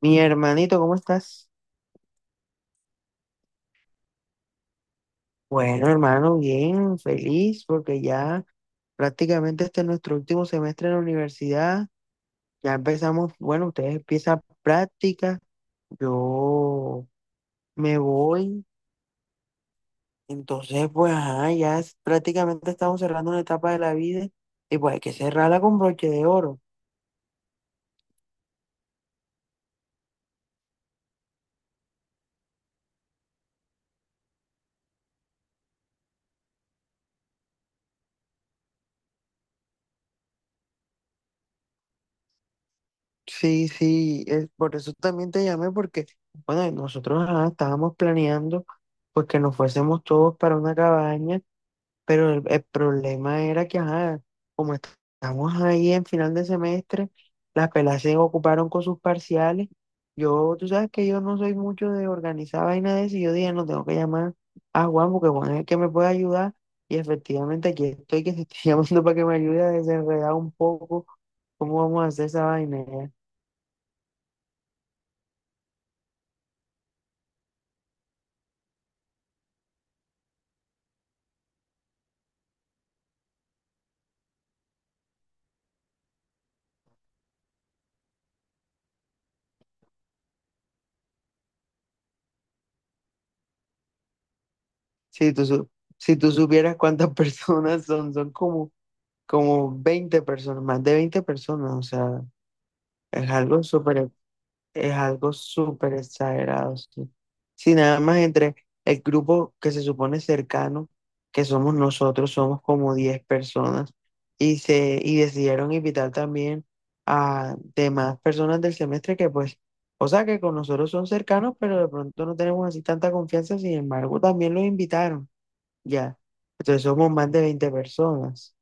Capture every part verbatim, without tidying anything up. Mi hermanito, ¿cómo estás? Bueno, hermano, bien, feliz porque ya prácticamente este es nuestro último semestre en la universidad. Ya empezamos, bueno, ustedes empiezan prácticas, yo me voy. Entonces, pues, ajá, ya es- prácticamente estamos cerrando una etapa de la vida y pues hay que cerrarla con broche de oro. Sí, sí, es, por eso también te llamé porque, bueno, nosotros ajá, estábamos planeando pues que nos fuésemos todos para una cabaña. Pero el, el problema era que, ajá, como est- estamos ahí en final de semestre, las pelas se ocuparon con sus parciales. Yo, tú sabes que yo no soy mucho de organizar vaina de eso, y yo dije, no tengo que llamar a Juan porque Juan es el que me puede ayudar. Y efectivamente aquí estoy que te estoy llamando para que me ayude a desenredar un poco cómo vamos a hacer esa vaina. Ya. Si tú, su- si tú supieras cuántas personas son, son como, como veinte personas, más de veinte personas, o sea, es algo súper. Es algo súper exagerado, sí. Si nada más entre el grupo que se supone cercano, que somos nosotros, somos como diez personas, y, se, y decidieron invitar también a demás personas del semestre que pues, o sea, que con nosotros son cercanos, pero de pronto no tenemos así tanta confianza, sin embargo, también los invitaron, ya. Entonces somos más de veinte personas.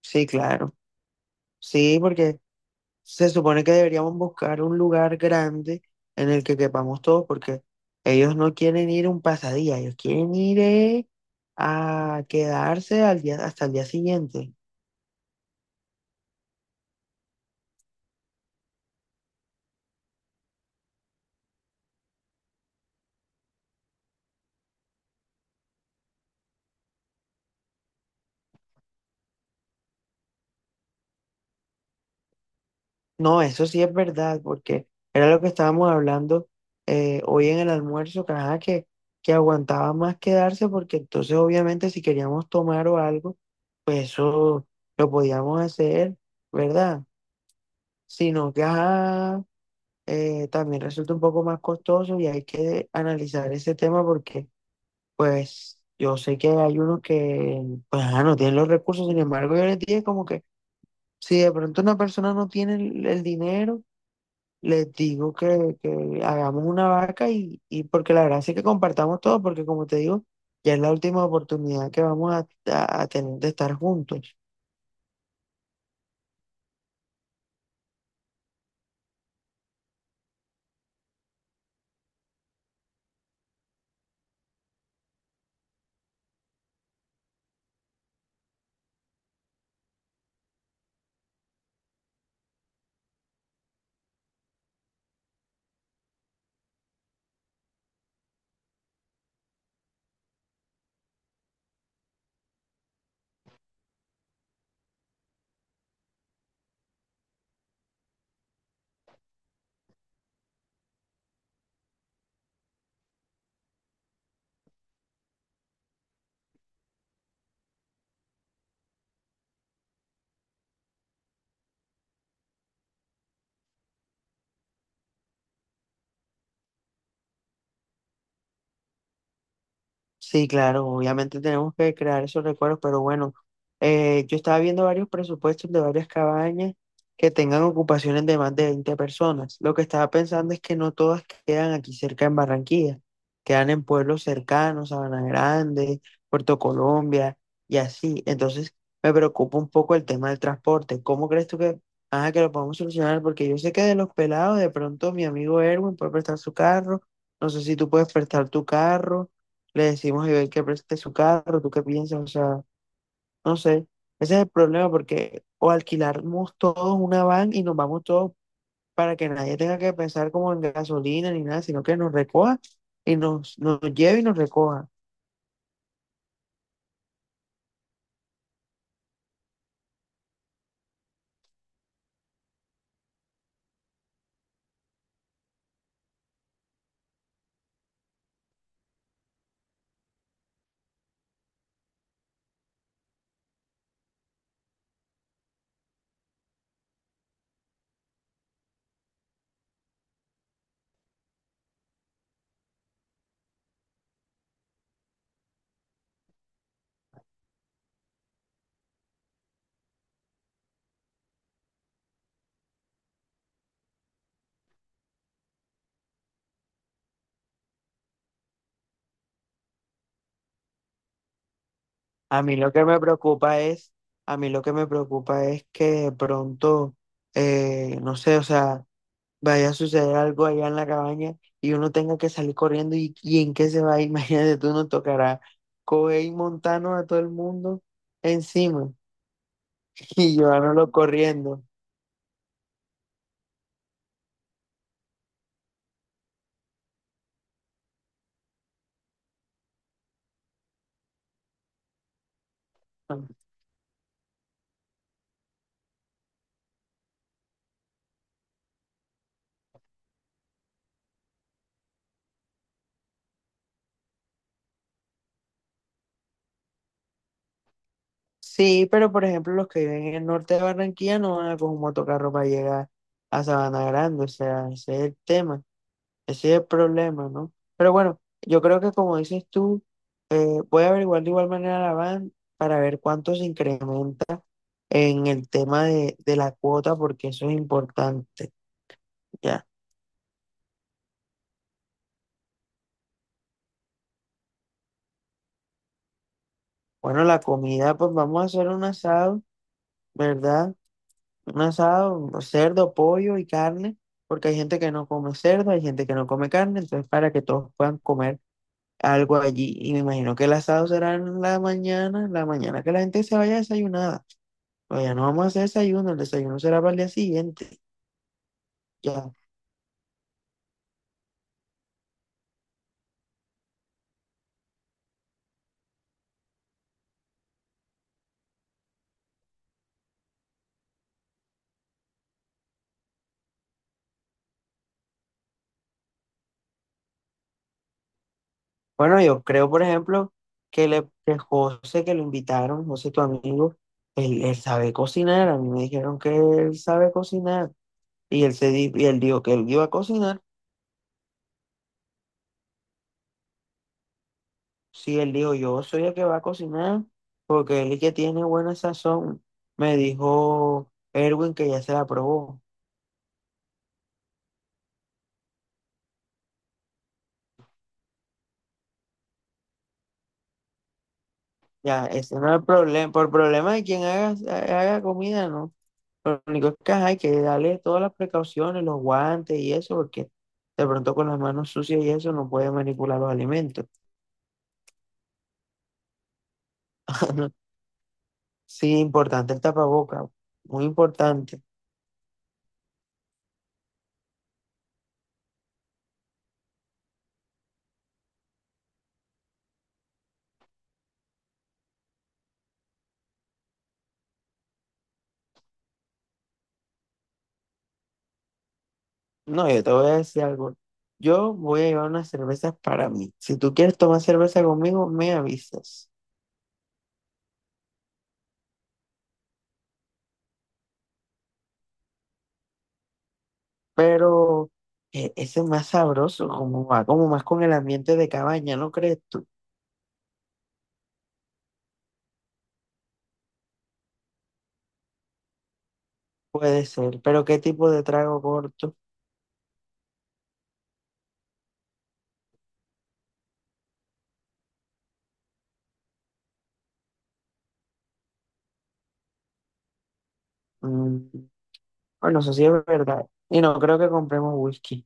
Sí, claro. Sí, porque se supone que deberíamos buscar un lugar grande en el que quepamos todos, porque ellos no quieren ir un pasadía, ellos quieren ir eh, a quedarse al día, hasta el día siguiente. No, eso sí es verdad, porque era lo que estábamos hablando eh, hoy en el almuerzo, que, ajá, que, que aguantaba más quedarse, porque entonces obviamente si queríamos tomar o algo, pues eso lo podíamos hacer, ¿verdad? Sino que, ajá, eh, también resulta un poco más costoso y hay que analizar ese tema porque, pues, yo sé que hay unos que, pues, ah, no tienen los recursos, sin embargo, yo les dije como que si de pronto una persona no tiene el, el dinero, les digo que, que hagamos una vaca y, y porque la verdad es que compartamos todo, porque como te digo, ya es la última oportunidad que vamos a, a- a tener de estar juntos. Sí, claro, obviamente tenemos que crear esos recuerdos, pero bueno, eh, yo estaba viendo varios presupuestos de varias cabañas que tengan ocupaciones de más de veinte personas. Lo que estaba pensando es que no todas quedan aquí cerca en Barranquilla, quedan en pueblos cercanos, Sabana Grande, Puerto Colombia y así. Entonces me preocupa un poco el tema del transporte. ¿Cómo crees tú que, ajá, que lo podemos solucionar? Porque yo sé que de los pelados, de pronto mi amigo Erwin puede prestar su carro, no sé si tú puedes prestar tu carro. Le decimos a Iber que preste su carro, ¿tú qué piensas? O sea, no sé, ese es el problema porque o alquilamos todos una van y nos vamos todos para que nadie tenga que pensar como en gasolina ni nada, sino que nos recoja y nos, nos lleve y nos recoja. A mí lo que me preocupa es, a mí lo que me preocupa es que de pronto, eh, no sé, o sea, vaya a suceder algo allá en la cabaña y uno tenga que salir corriendo y, y en qué se va, a ir imagínate, tú nos tocará coger y montarnos a todo el mundo encima y llevárnoslo corriendo. Sí, pero por ejemplo los que viven en el norte de Barranquilla no van a coger un motocarro para llegar a Sabana Grande, o sea, ese es el tema, ese es el problema, ¿no? Pero bueno, yo creo que como dices tú, eh, voy a averiguar de igual manera la van para ver cuánto se incrementa en el tema de, de la cuota porque eso es importante, ya. Bueno, la comida, pues vamos a hacer un asado, ¿verdad? Un asado, pues, cerdo, pollo y carne, porque hay gente que no come cerdo, hay gente que no come carne, entonces para que todos puedan comer algo allí. Y me imagino que el asado será en la mañana, en la mañana que la gente se vaya desayunada. Pues ya no vamos a hacer desayuno, el desayuno será para el día siguiente, ya. Bueno, yo creo, por ejemplo, que, le, que José, que lo invitaron, José, tu amigo, él, él sabe cocinar. A mí me dijeron que él sabe cocinar. Y él, se, di- y él dijo que él iba a cocinar. Sí, él dijo, yo soy el que va a cocinar, porque él es el que tiene buena sazón. Me dijo Erwin que ya se la probó. Ya, ese no es el problema. Por problema de quien haga, haga comida, ¿no? Lo único es que ajá, hay que darle todas las precauciones, los guantes y eso, porque de pronto con las manos sucias y eso no puede manipular los alimentos. Sí, importante el tapaboca, muy importante. No, yo te voy a decir algo. Yo voy a llevar unas cervezas para mí. Si tú quieres tomar cerveza conmigo, me avisas. Pero eh, ese es más sabroso, como va, como más con el ambiente de cabaña, ¿no crees tú? Puede ser, pero ¿qué tipo de trago corto? Mm. Bueno, eso sí es verdad. Y no creo que compremos whisky.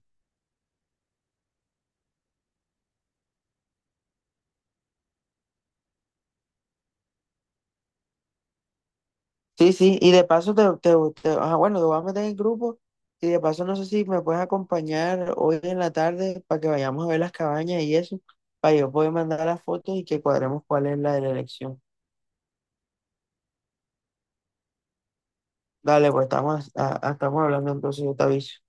Sí, sí, y de paso te, te, te- ajá, bueno, te voy a meter en el grupo y de paso no sé si me puedes acompañar hoy en la tarde para que vayamos a ver las cabañas y eso, para yo poder mandar las fotos y que cuadremos cuál es la de la elección. Dale, pues estamos, a- a- estamos hablando entonces, yo te aviso.